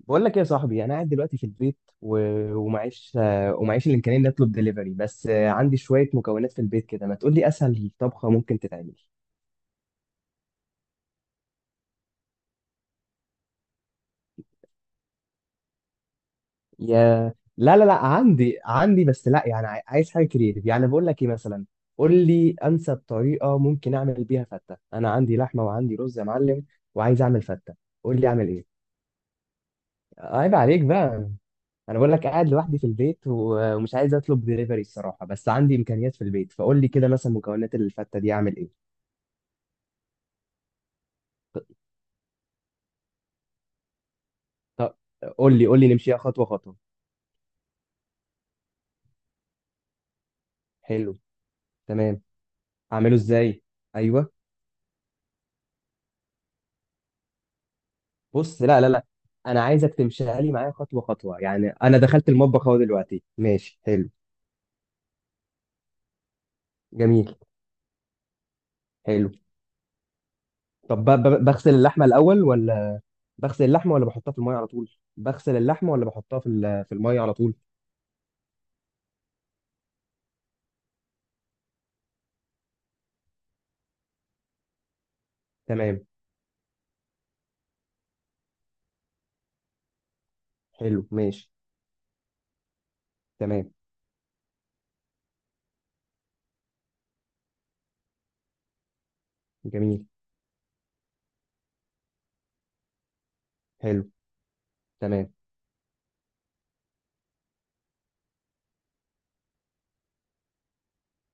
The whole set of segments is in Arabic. بقول لك ايه يا صاحبي، انا قاعد دلوقتي في البيت ومعيش ومعيش الامكانيه اني اطلب دليفري، بس عندي شويه مكونات في البيت كده. ما تقول لي اسهل طبخه ممكن تتعمل؟ يا، لا لا لا، عندي بس، لا يعني عايز حاجه كريتيف. يعني بقول لك ايه مثلا؟ قول لي انسب طريقه ممكن اعمل بيها فته. انا عندي لحمه وعندي رز يا معلم، وعايز اعمل فته. قول لي اعمل ايه. عيب عليك بقى. انا بقول لك قاعد لوحدي في البيت ومش عايز اطلب دليفري الصراحه، بس عندي امكانيات في البيت. فقول لي كده مثلا مكونات الفته دي اعمل ايه؟ طب قول لي نمشيها خطوه خطوه. حلو. تمام. اعمله ازاي؟ ايوه. بص، لا لا لا، انا عايزك تمشيها لي معايا خطوه خطوه. يعني انا دخلت المطبخ اهو دلوقتي، ماشي حلو. جميل. حلو. طب، بغسل اللحمه الاول ولا؟ بغسل اللحمه ولا بحطها في الميه على طول؟ بغسل اللحمه ولا بحطها في الميه على طول؟ تمام. حلو ماشي. تمام. جميل. حلو. تمام.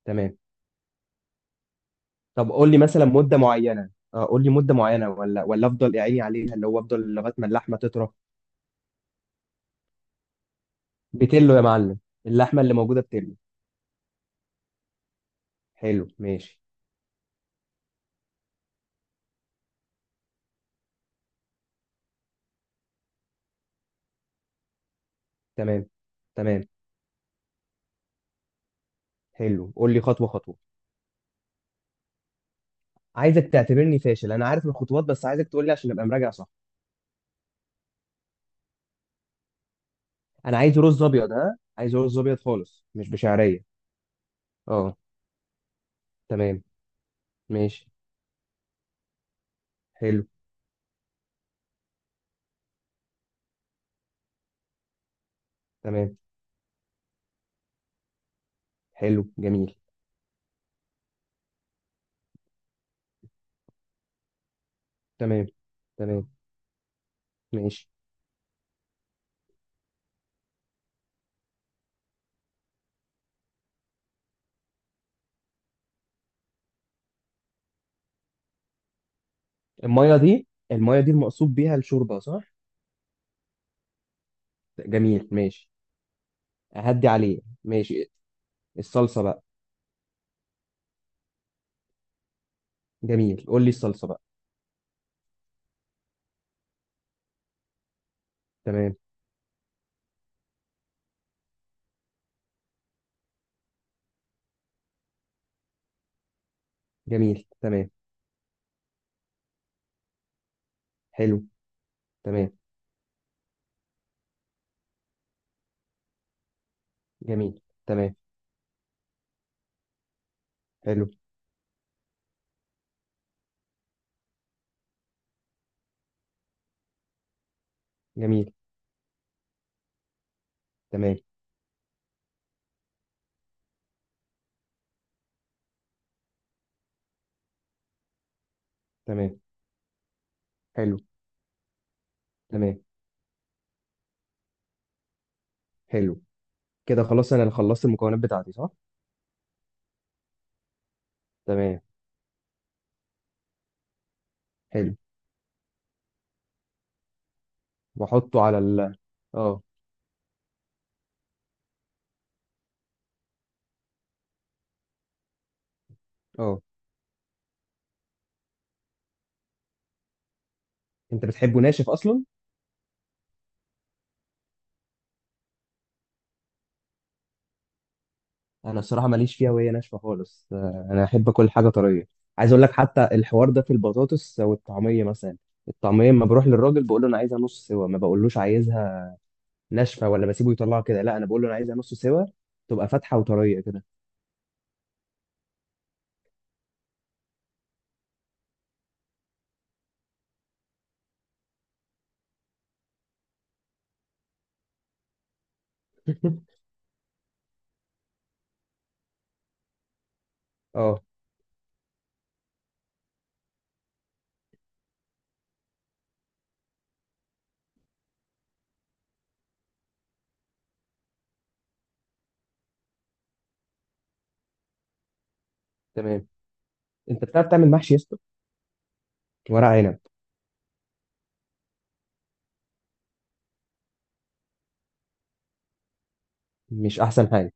تمام. طب قول لي مثلا مده معينه، اه، قول لي مده معينه، ولا افضل اعيني عليها، اللي هو افضل لغايه ما اللحمه تطرى؟ بتلو يا معلم. اللحمه اللي موجوده بتلو. حلو ماشي. تمام. تمام. حلو، قول لي خطوه خطوه. عايزك تعتبرني فاشل. انا عارف الخطوات بس عايزك تقول لي عشان ابقى مراجع صح. انا عايز رز ابيض. ها، عايز رز ابيض خالص، مش بشعريه. اه. تمام. ماشي. حلو. تمام. حلو. جميل. تمام. تمام. ماشي. الميه دي المقصود بيها الشوربه، صح؟ جميل ماشي. اهدي عليه ماشي. الصلصه بقى. جميل، قول لي الصلصه بقى. تمام. جميل. تمام. حلو. تمام. جميل. تمام. حلو. جميل. تمام. تمام. حلو. تمام. حلو. كده خلاص، انا اللي خلصت المكونات بتاعتي صح؟ تمام. حلو. واحطه على ال... اه. اه. انت بتحبه ناشف اصلا؟ انا الصراحه ماليش فيها وهي ناشفه خالص. انا احب كل حاجه طريه. عايز اقول لك، حتى الحوار ده في البطاطس والطعميه مثلا. الطعميه لما بروح للراجل بقول له انا عايزها نص سوا، ما بقولوش عايزها ناشفه ولا بسيبه يطلعها كده. لا، انا بقول له انا عايزها نص سوا، تبقى فاتحه وطريه كده. اه. تمام. انت بتعرف تعمل محشي يا اسطى؟ ورق عنب؟ مش احسن حاجه؟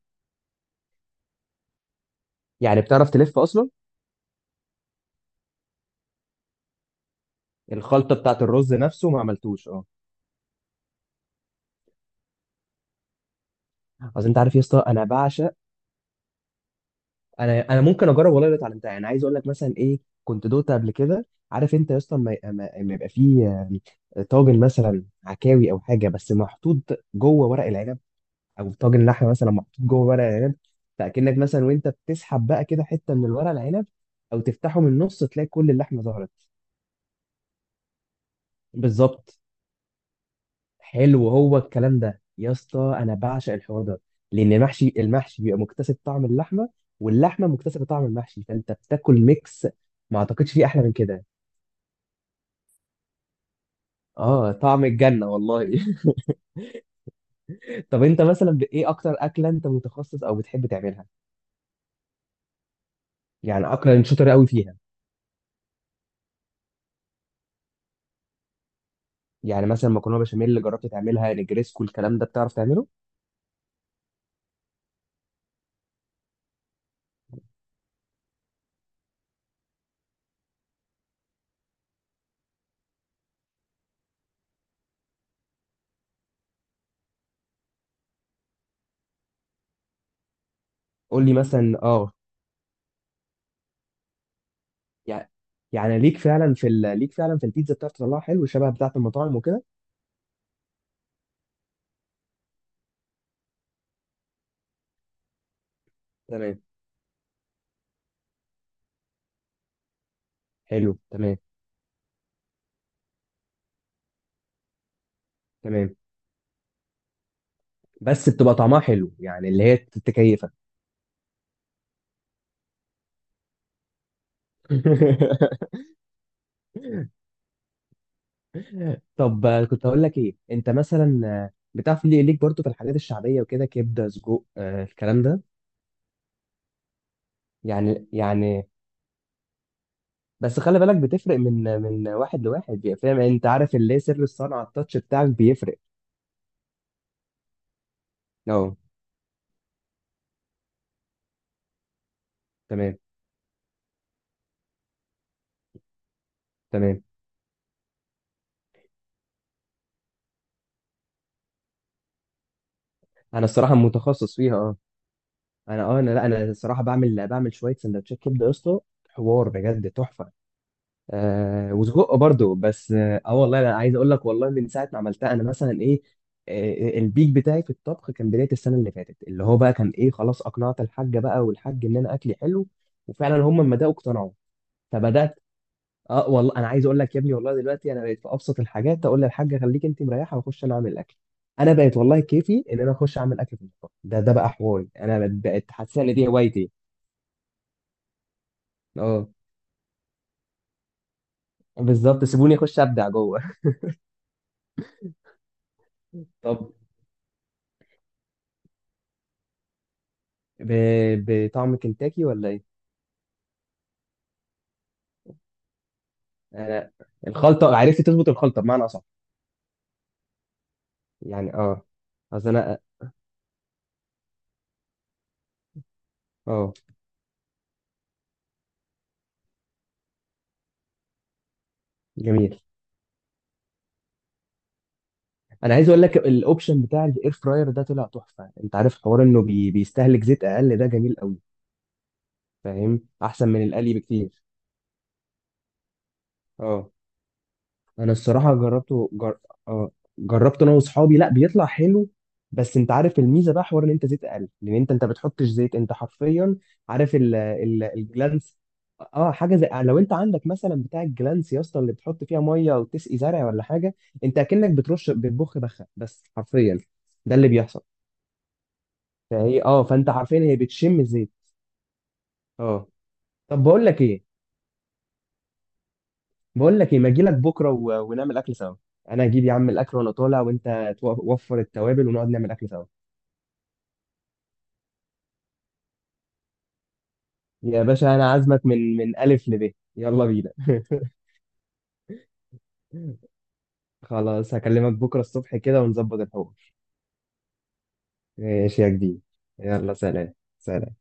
يعني بتعرف تلف اصلا؟ الخلطه بتاعت الرز نفسه ما عملتوش، اه. اصل انت عارف يا اسطى، انا بعشق. انا ممكن اجرب والله. اللي اتعلمتها يعني، عايز اقول لك مثلا ايه كنت دوت قبل كده. عارف انت يا اسطى، لما لما يبقى فيه طاجن مثلا عكاوي او حاجه، بس محطوط جوه ورق العنب. او طاجن لحمه مثلا محطوط جوه ورق العنب. فاكنك مثلا وانت بتسحب بقى كده حته من الورق العنب، او تفتحه من النص تلاقي كل اللحمه ظهرت. بالظبط. حلو هو الكلام ده يا اسطى، انا بعشق الحوار ده. لان المحشي بيبقى مكتسب طعم اللحمه، واللحمه مكتسبه طعم المحشي، فانت بتاكل ميكس. ما اعتقدش فيه احلى من كده. اه، طعم الجنه والله. طب انت مثلا ايه اكتر اكله انت متخصص او بتحب تعملها؟ يعني اكله انت شاطر قوي فيها. يعني مثلا مكرونه بشاميل، اللي جربت تعملها نجريسكو الكلام ده، بتعرف تعمله؟ قول لي مثلا، اه. يعني يعني ليك فعلا في البيتزا بتعرف تطلعها حلو شبه بتاعه المطاعم وكده؟ تمام. حلو. تمام. تمام. بس بتبقى طعمها حلو يعني، اللي هي تكيفك. طب كنت هقول لك ايه. انت مثلا بتعرف ليه ليك برضو في الحاجات الشعبيه وكده، كبده، سجق، الكلام ده. يعني بس خلي بالك بتفرق من واحد لواحد، يعني فاهم؟ يعني انت عارف اللي هي سر الصنعه، التاتش بتاعك بيفرق. اه. تمام. تمام. انا الصراحه متخصص فيها، اه. انا، اه، انا، لا، انا الصراحه بعمل شويه سندوتشات كبده يا اسطى، حوار بجد تحفه. وسجق برضو، بس والله انا عايز اقول لك، والله من ساعه ما عملتها انا مثلا ايه. البيك بتاعي في الطبخ كان بدايه السنه اللي فاتت، اللي هو بقى كان ايه خلاص اقنعت الحاجه بقى والحاج ان انا اكلي حلو. وفعلا هم لما بداوا اقتنعوا. فبدات. اه والله، انا عايز اقول لك يا ابني، والله دلوقتي انا بقيت في ابسط الحاجات اقول للحاجه خليك انت مريحه واخش انا اعمل الاكل. انا بقيت والله كيفي ان انا اخش اعمل اكل في المطبخ ده. ده بقى حواري، انا بقيت حاسس ان دي هوايتي. اه، بالظبط، سيبوني اخش ابدع جوه. طب، ب... بطعم كنتاكي ولا ايه؟ أنا. الخلطة، عرفت تظبط الخلطة بمعنى أصح؟ يعني، اه. أصل أنا. اه. جميل. أنا عايز أقول لك الأوبشن بتاع الإير فراير ده طلع تحفة. أنت عارف حوار إنه بيستهلك زيت أقل، ده جميل قوي. فاهم؟ أحسن من القلي بكتير. اه، انا الصراحه جربته. آه، جربت انا واصحابي. لا، بيطلع حلو. بس انت عارف الميزه بقى، حوار ان انت زيت اقل، لان انت بتحطش زيت، انت حرفيا عارف الجلانس؟ اه، حاجه زي لو انت عندك مثلا بتاع الجلانس يا اسطى، اللي بتحط فيها ميه وتسقي زرع ولا حاجه، انت اكنك بترش، بتبخ بخه بس حرفيا، ده اللي بيحصل. فهي اه فانت حرفيا، هي بتشم الزيت. اه، طب بقول لك ايه. بقول لك ايه، ما اجي لك بكره ونعمل اكل سوا. انا اجيب يا عم الاكل وانا طالع، وانت وفر التوابل ونقعد نعمل اكل سوا. يا باشا، انا عازمك من الف لب، يلا بينا. خلاص، هكلمك بكره الصبح كده ونظبط الحوار. ماشي يا جديد. يلا، سلام سلام.